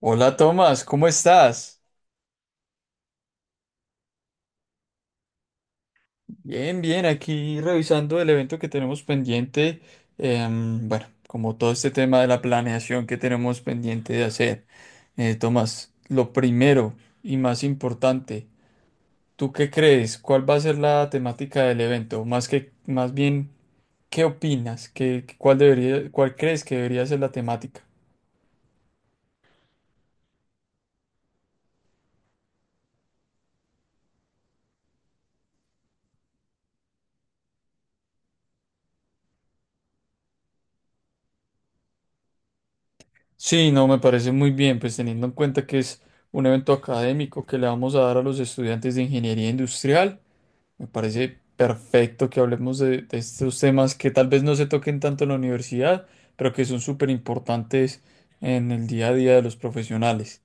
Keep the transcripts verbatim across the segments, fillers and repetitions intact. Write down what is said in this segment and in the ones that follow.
Hola Tomás, ¿cómo estás? Bien, bien, aquí revisando el evento que tenemos pendiente. Em, bueno, como todo este tema de la planeación que tenemos pendiente de hacer. Eh, Tomás, lo primero y más importante, ¿tú qué crees? ¿Cuál va a ser la temática del evento? Más que, más bien, ¿qué opinas? ¿Qué, ¿cuál debería, cuál crees que debería ser la temática? Sí, no, me parece muy bien, pues teniendo en cuenta que es un evento académico que le vamos a dar a los estudiantes de ingeniería industrial. Me parece perfecto que hablemos de, de estos temas que tal vez no se toquen tanto en la universidad, pero que son súper importantes en el día a día de los profesionales.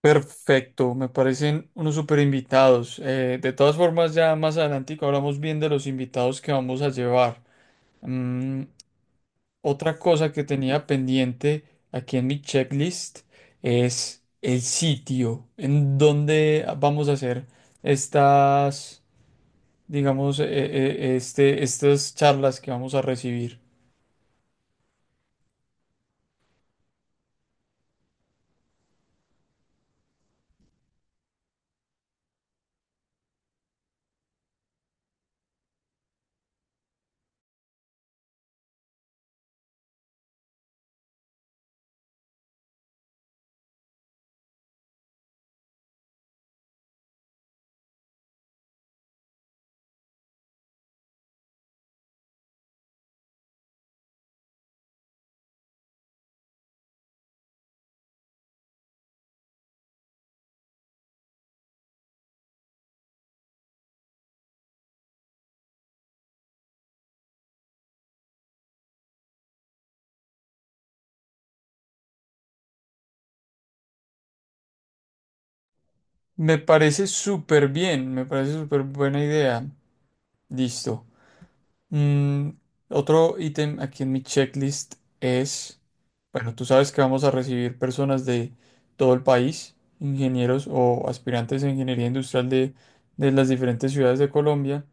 Perfecto, me parecen unos súper invitados. Eh, de todas formas, ya más adelante hablamos bien de los invitados que vamos a llevar. Mm, otra cosa que tenía pendiente aquí en mi checklist es el sitio en donde vamos a hacer estas digamos, eh, eh, este, estas charlas que vamos a recibir. Me parece súper bien, me parece súper buena idea. Listo. Mm, otro ítem aquí en mi checklist es, bueno, tú sabes que vamos a recibir personas de todo el país, ingenieros o aspirantes a ingeniería industrial de, de las diferentes ciudades de Colombia.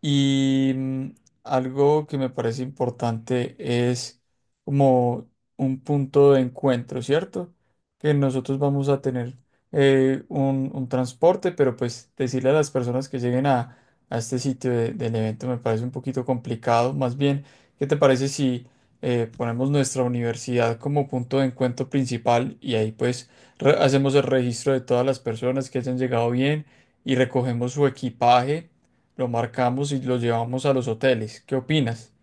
Y mm, algo que me parece importante es como un punto de encuentro, ¿cierto? Que nosotros vamos a tener eh, un, un transporte, pero pues decirle a las personas que lleguen a, a este sitio de- del evento me parece un poquito complicado. Más bien, ¿qué te parece si eh, ponemos nuestra universidad como punto de encuentro principal y ahí pues re- hacemos el registro de todas las personas que hayan llegado bien y recogemos su equipaje? Lo marcamos y lo llevamos a los hoteles. ¿Qué opinas?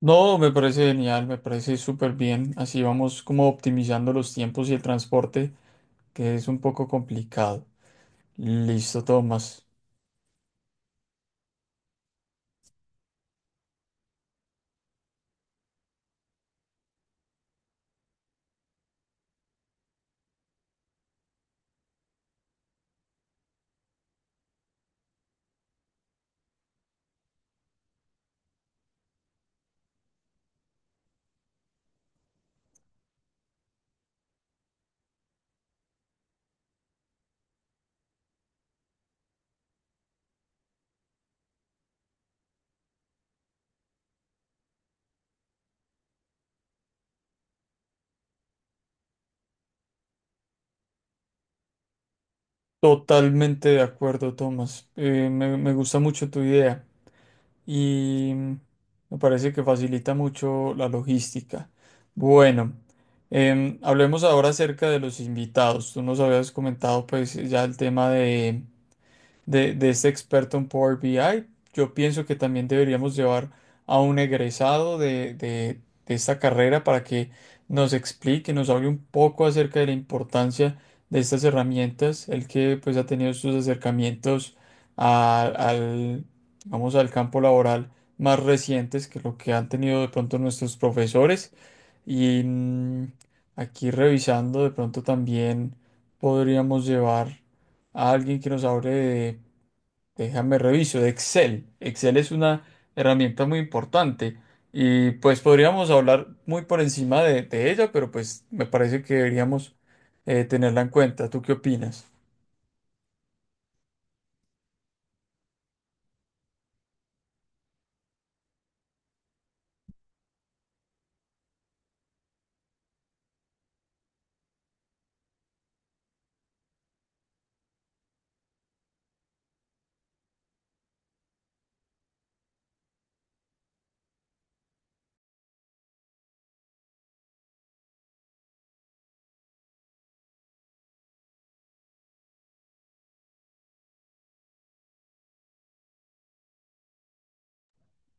No, me parece genial, me parece súper bien. Así vamos como optimizando los tiempos y el transporte, que es un poco complicado. Listo, Tomás. Totalmente de acuerdo, Tomás. Eh, me, me gusta mucho tu idea y mm, me parece que facilita mucho la logística. Bueno, em, hablemos ahora acerca de los invitados. Tú nos habías comentado pues ya el tema de de, de este experto en Power B I. Yo pienso que también deberíamos llevar a un egresado de, de- de esta carrera para que nos explique, nos hable un poco acerca de la importancia de estas herramientas, el que pues ha tenido sus acercamientos a- al, digamos, al campo laboral más recientes que lo que han tenido de pronto nuestros profesores. Y mm, aquí revisando, de pronto también podríamos llevar a alguien que nos hable de Déjame reviso. Excel. Excel es una herramienta muy importante y pues podríamos hablar muy por encima de, de ella, pero pues me parece que deberíamos eh, tenerla en cuenta. ¿Tú qué opinas?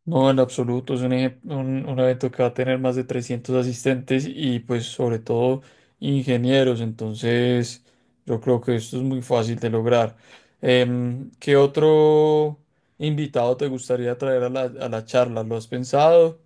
No, en absoluto. Es un, eje- un, un evento que va a tener más de trescientos asistentes y pues sobre todo ingenieros. Entonces yo creo que esto es muy fácil de lograr. Em, ¿qué otro invitado te gustaría traer a la, a la charla? ¿Lo has pensado?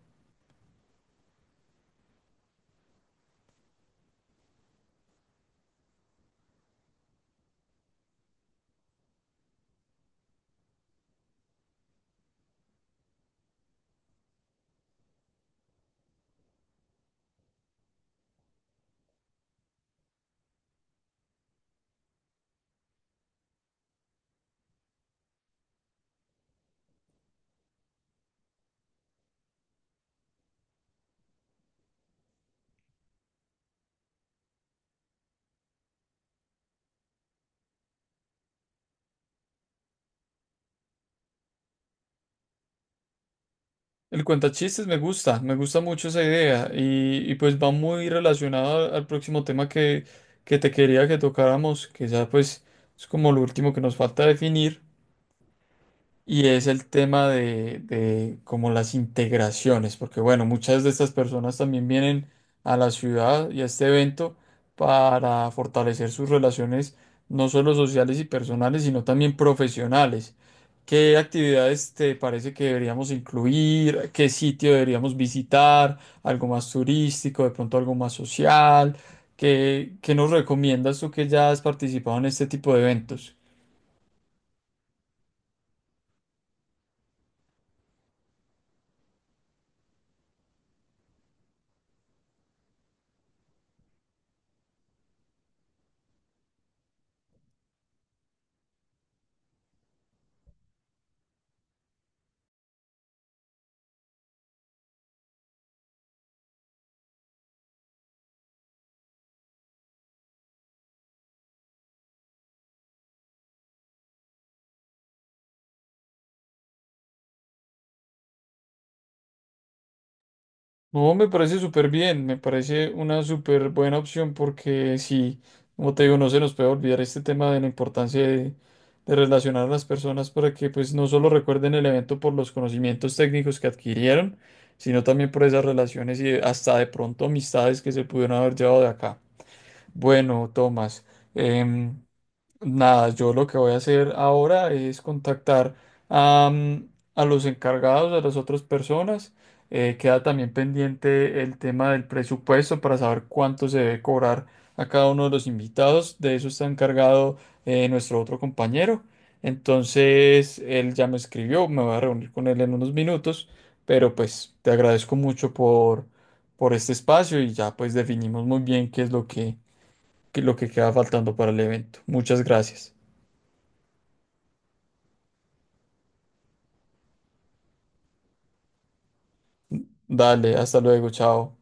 El cuentachistes me gusta, me gusta mucho esa idea y, y pues va muy relacionado al, al próximo tema que, que te quería que tocáramos, que ya pues es como lo último que nos falta definir y es el tema de, de como las integraciones, porque bueno, muchas de estas personas también vienen a la ciudad y a este evento para fortalecer sus relaciones no solo sociales y personales, sino también profesionales. ¿Qué actividades te parece que deberíamos incluir? ¿Qué sitio deberíamos visitar? ¿Algo más turístico? ¿De pronto algo más social? ¿Qué, ¿qué nos recomiendas tú que ya has participado en este tipo de eventos? No, me parece súper bien, me parece una súper buena opción porque si, como te digo, no se nos puede olvidar este tema de la importancia de, de relacionar a las personas para que pues no solo recuerden el evento por los conocimientos técnicos que adquirieron, sino también por esas relaciones y hasta de pronto amistades que se pudieron haber llevado de acá. Bueno, Tomás, em, nada, yo lo que voy a hacer ahora es contactar a, mm, a los encargados, a las otras personas. Eh, queda también pendiente el tema del presupuesto para saber cuánto se debe cobrar a cada uno de los invitados. De eso está encargado eh, nuestro otro compañero. Entonces, él ya me escribió, me voy a reunir con él en unos minutos, pero pues te agradezco mucho por, por este espacio y ya pues definimos muy bien qué es lo que, qué es lo que queda faltando para el evento. Muchas gracias. Dale, hasta luego, chao.